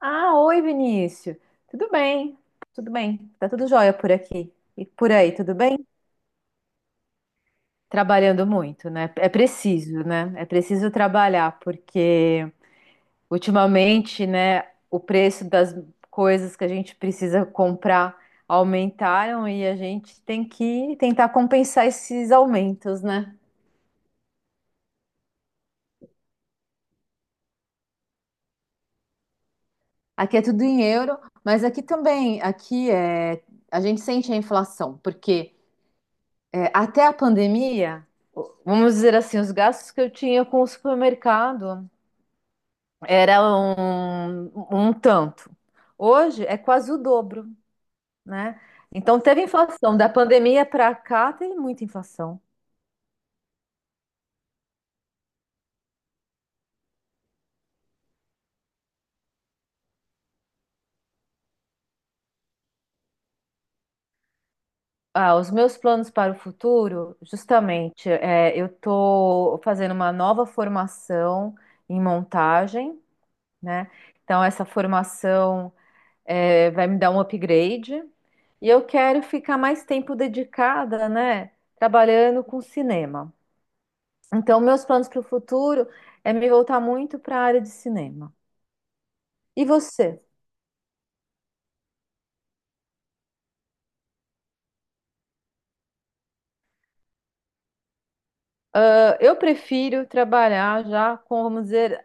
Ah, oi, Vinícius. Tudo bem? Tudo bem. Tá tudo jóia por aqui. E por aí, tudo bem? Trabalhando muito, né? É preciso, né? É preciso trabalhar, porque ultimamente, né, o preço das coisas que a gente precisa comprar aumentaram e a gente tem que tentar compensar esses aumentos, né? Aqui é tudo em euro, mas aqui também, aqui é, a gente sente a inflação, porque até a pandemia. Vamos dizer assim, os gastos que eu tinha com o supermercado era um, um tanto. Hoje é quase o dobro, né? Então teve inflação. Da pandemia para cá, teve muita inflação. Ah, os meus planos para o futuro, justamente, eu estou fazendo uma nova formação em montagem, né? Então, essa formação. Vai me dar um upgrade. E eu quero ficar mais tempo dedicada, né, trabalhando com cinema. Então, meus planos para o futuro é me voltar muito para a área de cinema. E você? Ah, eu prefiro trabalhar já com, vamos dizer,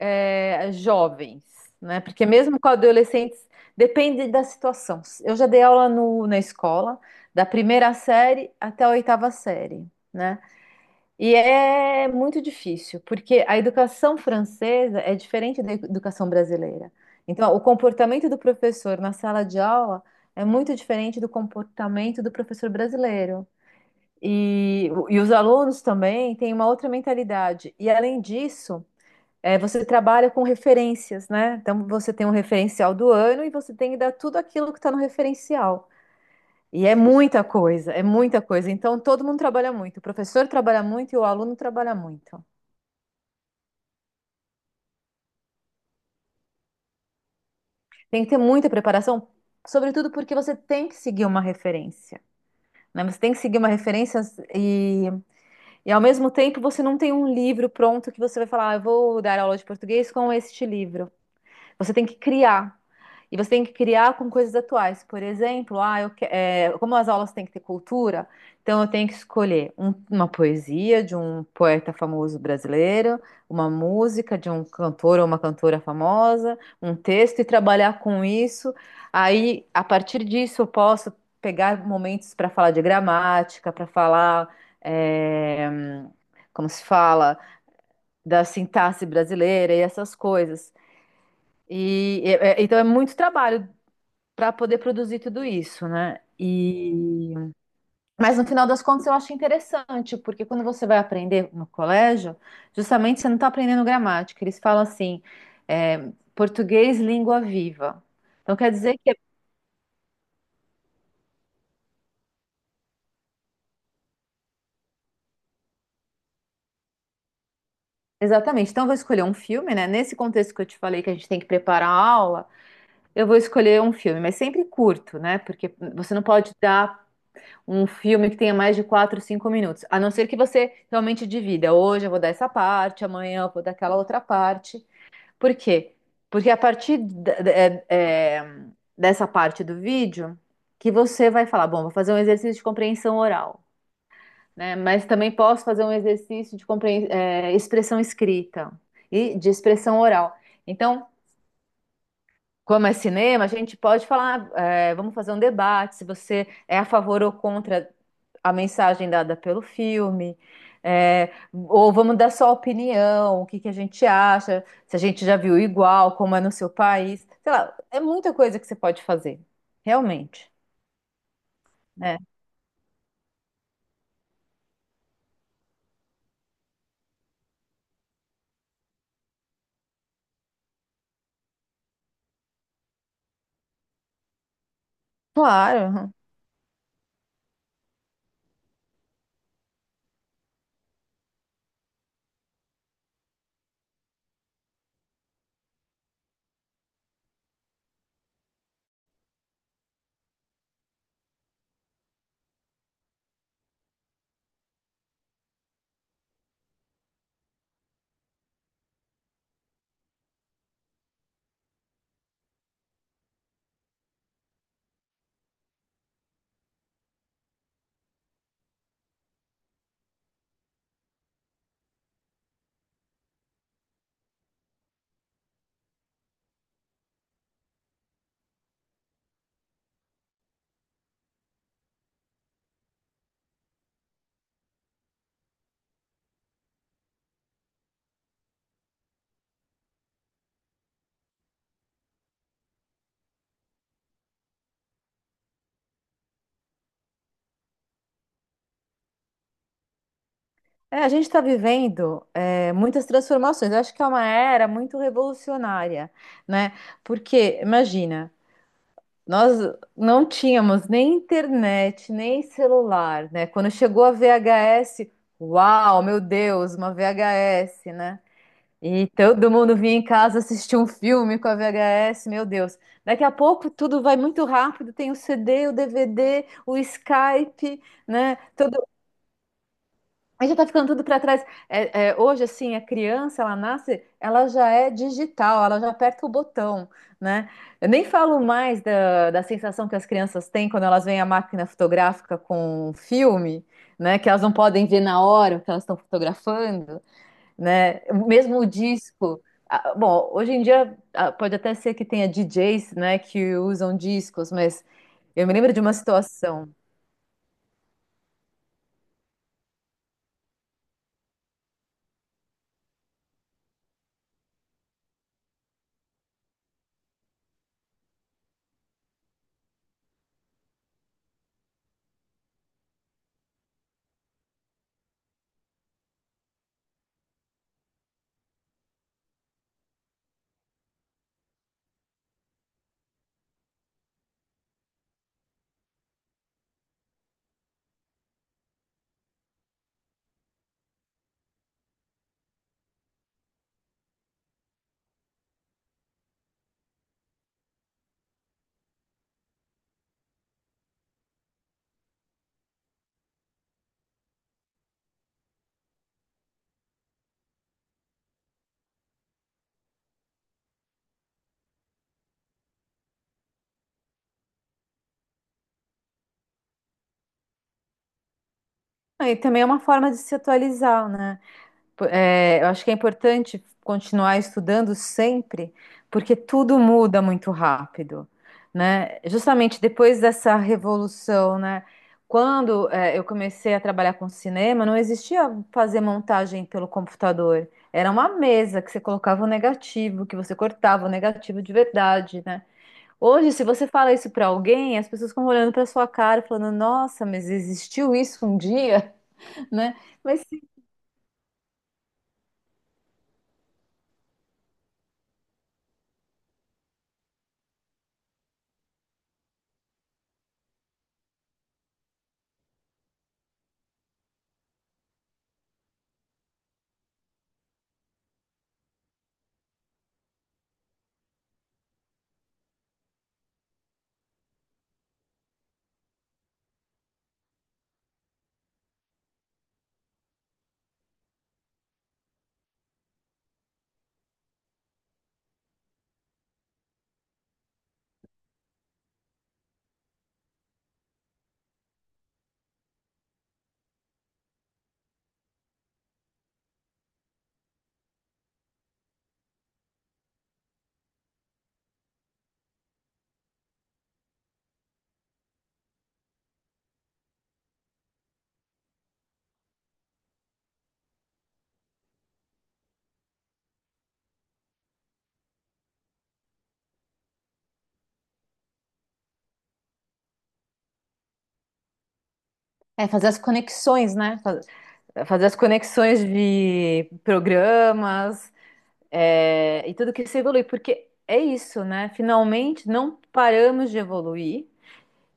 jovens, né? Porque mesmo com adolescentes, depende da situação. Eu já dei aula na escola, da primeira série até a oitava série, né? E é muito difícil, porque a educação francesa é diferente da educação brasileira. Então, o comportamento do professor na sala de aula é muito diferente do comportamento do professor brasileiro. E os alunos também têm uma outra mentalidade. E, além disso, você trabalha com referências, né? Então, você tem um referencial do ano e você tem que dar tudo aquilo que está no referencial. E é muita coisa, é muita coisa. Então, todo mundo trabalha muito. O professor trabalha muito e o aluno trabalha muito. Tem que ter muita preparação, sobretudo porque você tem que seguir uma referência, né? Você tem que seguir uma referência e, e ao mesmo tempo você não tem um livro pronto que você vai falar, ah, eu vou dar aula de português com este livro. Você tem que criar. E você tem que criar com coisas atuais. Por exemplo, ah, como as aulas têm que ter cultura, então eu tenho que escolher uma poesia de um poeta famoso brasileiro, uma música de um cantor ou uma cantora famosa, um texto e trabalhar com isso. Aí, a partir disso, eu posso pegar momentos para falar de gramática, para falar, é, como se fala, da sintaxe brasileira e essas coisas. Então é muito trabalho para poder produzir tudo isso, né? E mas no final das contas eu acho interessante, porque quando você vai aprender no colégio, justamente você não está aprendendo gramática. Eles falam assim, é, português, língua viva. Então quer dizer que exatamente. Então eu vou escolher um filme, né? Nesse contexto que eu te falei que a gente tem que preparar a aula, eu vou escolher um filme, mas sempre curto, né? Porque você não pode dar um filme que tenha mais de 4, 5 minutos. A não ser que você realmente divida. Hoje eu vou dar essa parte, amanhã eu vou dar aquela outra parte. Por quê? Porque a partir dessa parte do vídeo que você vai falar, bom, vou fazer um exercício de compreensão oral, né? Mas também posso fazer um exercício de expressão escrita e de expressão oral. Então, como é cinema, a gente pode falar, é, vamos fazer um debate se você é a favor ou contra a mensagem dada pelo filme, é, ou vamos dar só opinião, o que que a gente acha, se a gente já viu igual, como é no seu país, sei lá, é muita coisa que você pode fazer, realmente, né? Claro. Uhum. É, a gente está vivendo muitas transformações. Eu acho que é uma era muito revolucionária, né? Porque, imagina. Nós não tínhamos nem internet, nem celular, né? Quando chegou a VHS, uau, meu Deus, uma VHS, né? E todo mundo vinha em casa assistir um filme com a VHS, meu Deus. Daqui a pouco tudo vai muito rápido, tem o CD, o DVD, o Skype, né? Aí já tá ficando tudo para trás. É, é, hoje, assim, a criança, ela nasce, ela já é digital, ela já aperta o botão, né? Eu nem falo mais da sensação que as crianças têm quando elas veem a máquina fotográfica com um filme, né? Que elas não podem ver na hora o que elas estão fotografando, né? Mesmo o disco. Ah, bom, hoje em dia ah, pode até ser que tenha DJs, né, que usam discos, mas eu me lembro de uma situação. Aí também é uma forma de se atualizar, né? É, eu acho que é importante continuar estudando sempre, porque tudo muda muito rápido, né? Justamente depois dessa revolução, né? Quando, eu comecei a trabalhar com cinema, não existia fazer montagem pelo computador. Era uma mesa que você colocava o negativo, que você cortava o negativo de verdade, né? Hoje, se você fala isso para alguém, as pessoas ficam olhando para sua cara, falando: Nossa, mas existiu isso um dia, né? Mas é fazer as conexões, né? Fazer as conexões de programas, e tudo que se evolui, porque é isso, né? Finalmente não paramos de evoluir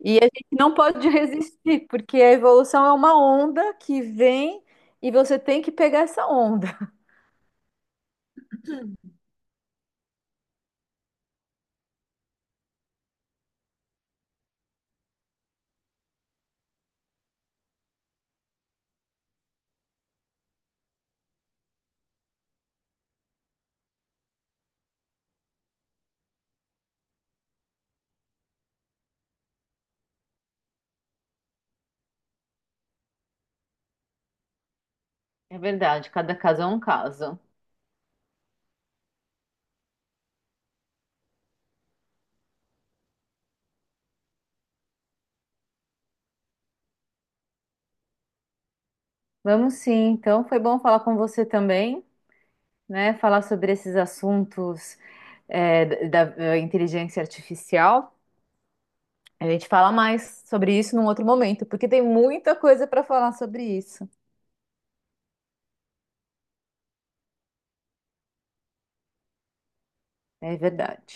e a gente não pode resistir, porque a evolução é uma onda que vem e você tem que pegar essa onda. É verdade, cada caso é um caso. Vamos sim, então foi bom falar com você também, né? Falar sobre esses assuntos da inteligência artificial. A gente fala mais sobre isso num outro momento, porque tem muita coisa para falar sobre isso. É verdade.